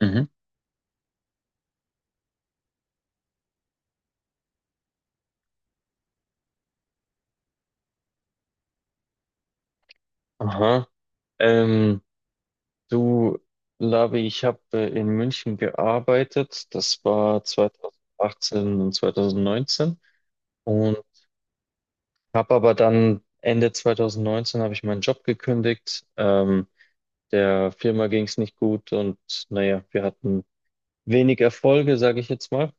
Mhm. Aha. Ähm, du, Labi, ich habe in München gearbeitet. Das war 2018 und 2019. Und habe aber dann Ende 2019 habe ich meinen Job gekündigt. Der Firma ging es nicht gut und naja, wir hatten wenig Erfolge, sage ich jetzt mal.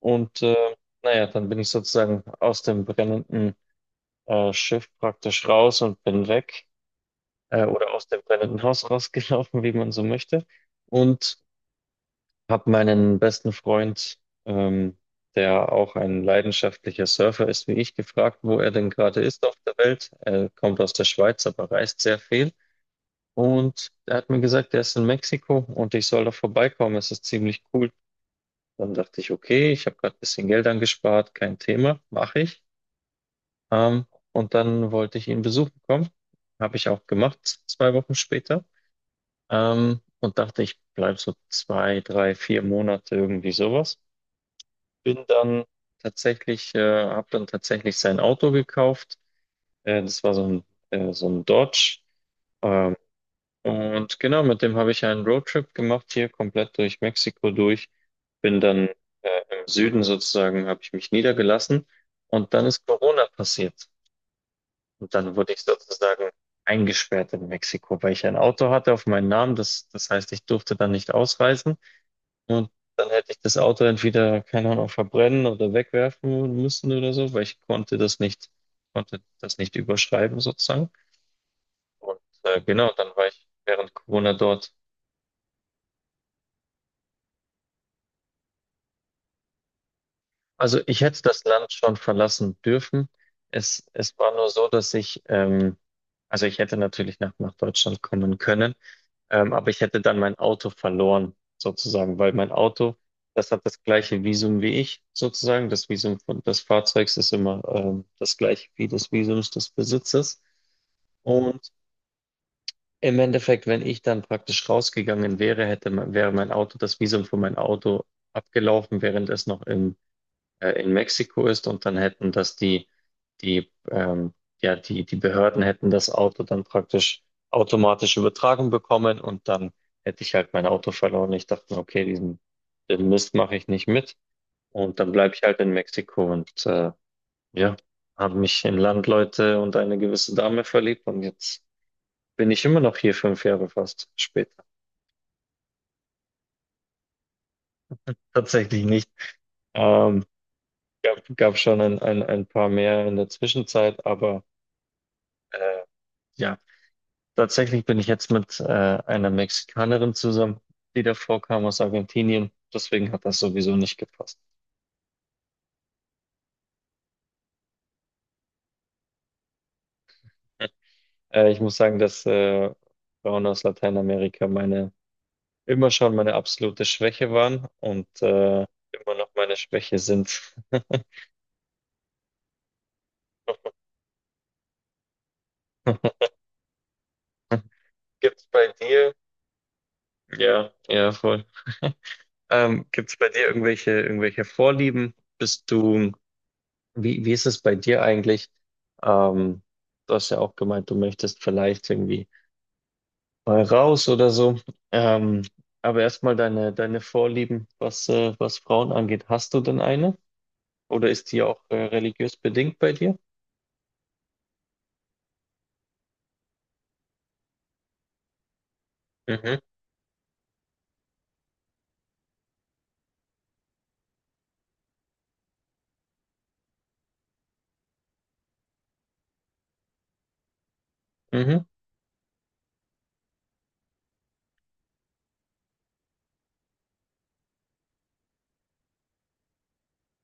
Und äh, naja, dann bin ich sozusagen aus dem brennenden Schiff praktisch raus und bin weg. Oder aus dem brennenden Haus rausgelaufen, wie man so möchte. Und habe meinen besten Freund, ähm, der auch ein leidenschaftlicher Surfer ist wie ich, gefragt, wo er denn gerade ist auf der Welt. Er kommt aus der Schweiz, aber reist sehr viel. Und er hat mir gesagt, er ist in Mexiko und ich soll da vorbeikommen. Es ist ziemlich cool. Dann dachte ich, okay, ich habe gerade ein bisschen Geld angespart, kein Thema, mache ich. Ähm, und dann wollte ich ihn besuchen kommen. Habe ich auch gemacht, 2 Wochen später. Und dachte, ich bleibe so zwei, drei, vier Monate, irgendwie sowas. Bin dann Habe dann tatsächlich sein Auto gekauft. Das war so ein Dodge. Ähm, und genau, mit dem habe ich einen Roadtrip gemacht, hier komplett durch Mexiko durch. Bin dann äh, im Süden sozusagen, habe ich mich niedergelassen. Und dann ist Corona passiert. Und dann wurde ich sozusagen eingesperrt in Mexiko, weil ich ein Auto hatte auf meinen Namen. Das heißt, ich durfte dann nicht ausreisen. Und dann hätte ich das Auto entweder, keine Ahnung, verbrennen oder wegwerfen müssen oder so, weil ich konnte das nicht überschreiben sozusagen. Genau, dann war ich während Corona dort. Also ich hätte das Land schon verlassen dürfen. Es war nur so, dass ich, also ich hätte natürlich nach Deutschland kommen können, aber ich hätte dann mein Auto verloren, sozusagen, weil mein Auto, das hat das gleiche Visum wie ich, sozusagen. Das Visum von, des Fahrzeugs ist immer, das gleiche wie das Visums des Besitzers. Und im Endeffekt, wenn ich dann praktisch rausgegangen wäre, wäre mein Auto, das Visum für mein Auto abgelaufen, während es noch im in Mexiko ist, und dann hätten das die, ähm, die Behörden hätten das Auto dann praktisch automatisch übertragen bekommen und dann hätte ich halt mein Auto verloren. Ich dachte mir, okay, den Mist mache ich nicht mit, und dann bleibe ich halt in Mexiko ja, habe mich in Landleute und eine gewisse Dame verliebt, und jetzt bin ich immer noch hier, 5 Jahre fast später. Tatsächlich nicht. Ähm, gab schon ein paar mehr in der Zwischenzeit, aber äh, ja. Tatsächlich bin ich jetzt mit einer Mexikanerin zusammen, die davor kam aus Argentinien. Deswegen hat das sowieso nicht gepasst. Ich muss sagen, dass Frauen aus Lateinamerika meine immer schon meine absolute Schwäche waren immer noch meine Schwäche sind. Gibt's bei dir? Ja, ja, voll. Gibt's bei dir irgendwelche Vorlieben? Bist du Wie, wie ist es bei dir eigentlich? Ähm, Du hast ja auch gemeint, du möchtest vielleicht irgendwie mal raus oder so. Ähm, aber erstmal deine Vorlieben, was, was Frauen angeht. Hast du denn eine? Oder ist die auch religiös bedingt bei dir? Mhm, mhm,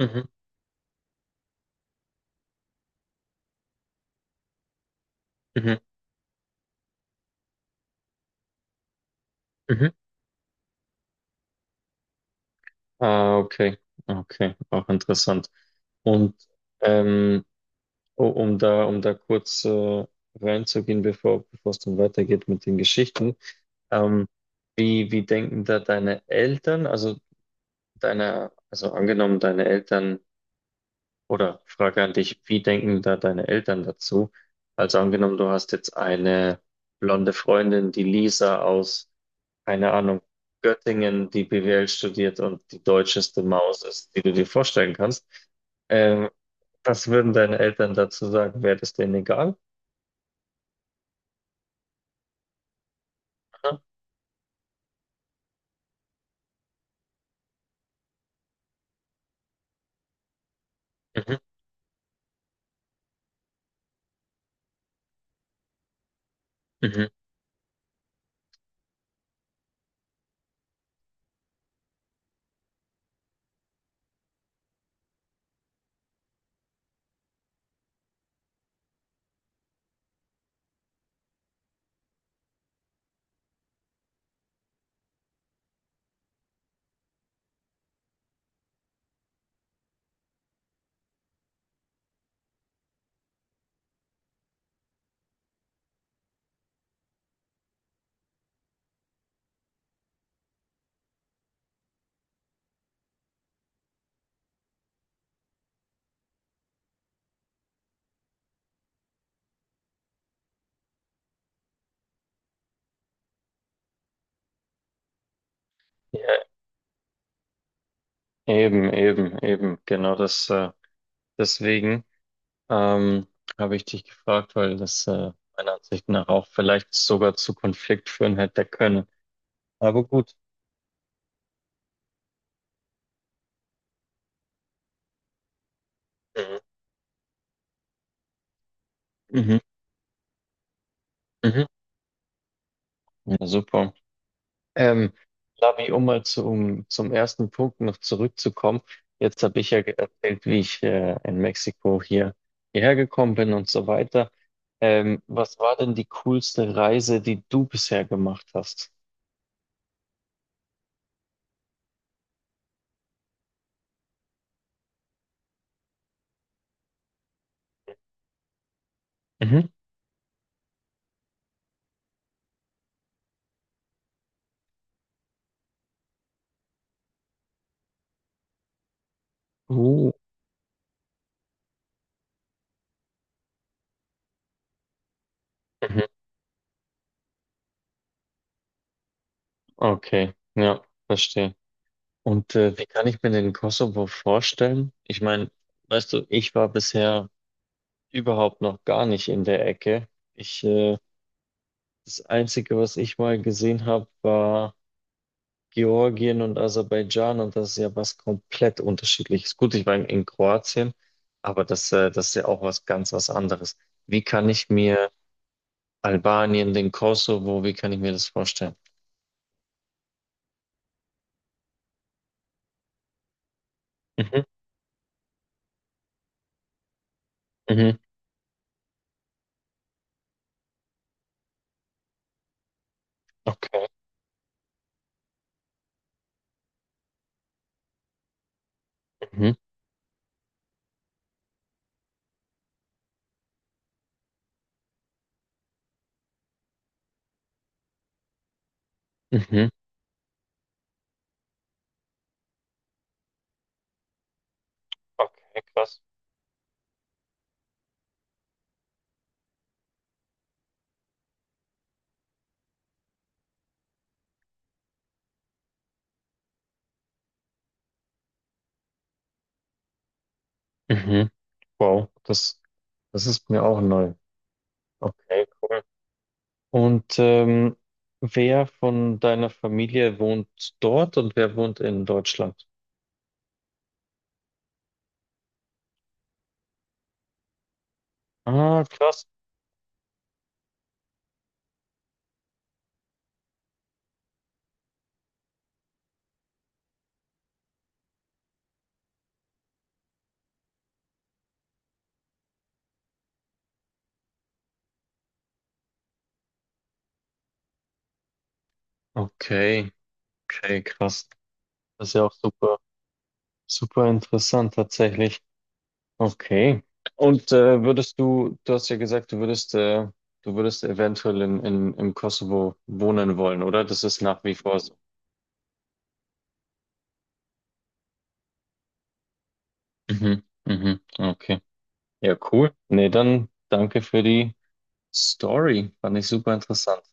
mhm, mhm, mhm. Ah, okay, okay, auch interessant. Und ähm, Oh, um da kurz reinzugehen, bevor es dann weitergeht mit den Geschichten. Ähm, wie denken da deine Eltern, also angenommen deine Eltern, oder Frage an dich, wie denken da deine Eltern dazu? Also angenommen, du hast jetzt eine blonde Freundin, die Lisa aus, keine Ahnung, Göttingen, die BWL studiert und die deutscheste Maus ist, die du dir vorstellen kannst. Ähm, Was würden deine Eltern dazu sagen? Wäre das denen egal? Mhm, mhm. Ja, eben. Genau das, deswegen ähm, habe ich dich gefragt, weil das meiner Ansicht nach auch vielleicht sogar zu Konflikt führen hätte können. Aber gut. Mhm, mhm, mhm. Ja, super. Ähm, Lavi, um mal zu, um, zum ersten Punkt noch zurückzukommen. Jetzt habe ich ja erzählt, wie ich in Mexiko hierher gekommen bin und so weiter. Was war denn die coolste Reise, die du bisher gemacht hast? Uh, Mhm. Okay, ja, verstehe. Und wie kann ich mir den Kosovo vorstellen? Ich meine, weißt du, ich war bisher überhaupt noch gar nicht in der Ecke. Ich, äh, Das Einzige, was ich mal gesehen habe, war Georgien und Aserbaidschan, und das ist ja was komplett unterschiedliches. Gut, ich war in Kroatien, aber das ist ja auch was ganz was anderes. Wie kann ich mir Albanien, den Kosovo, wie kann ich mir das vorstellen? Mhm, mhm, okay, mhm, mhm. Okay, krass. Mhm. Wow, das ist mir auch neu. Okay, cool. Und ähm, Wer von deiner Familie wohnt dort und wer wohnt in Deutschland? Ah, krass. Okay, okay, krass. Das ist ja auch super, super interessant tatsächlich. Okay. Und du hast ja gesagt, du würdest eventuell im Kosovo wohnen wollen, oder? Das ist nach wie vor so. Mhm, mhm, okay. Ja, cool. Nee, dann danke für die Story. Fand ich super interessant.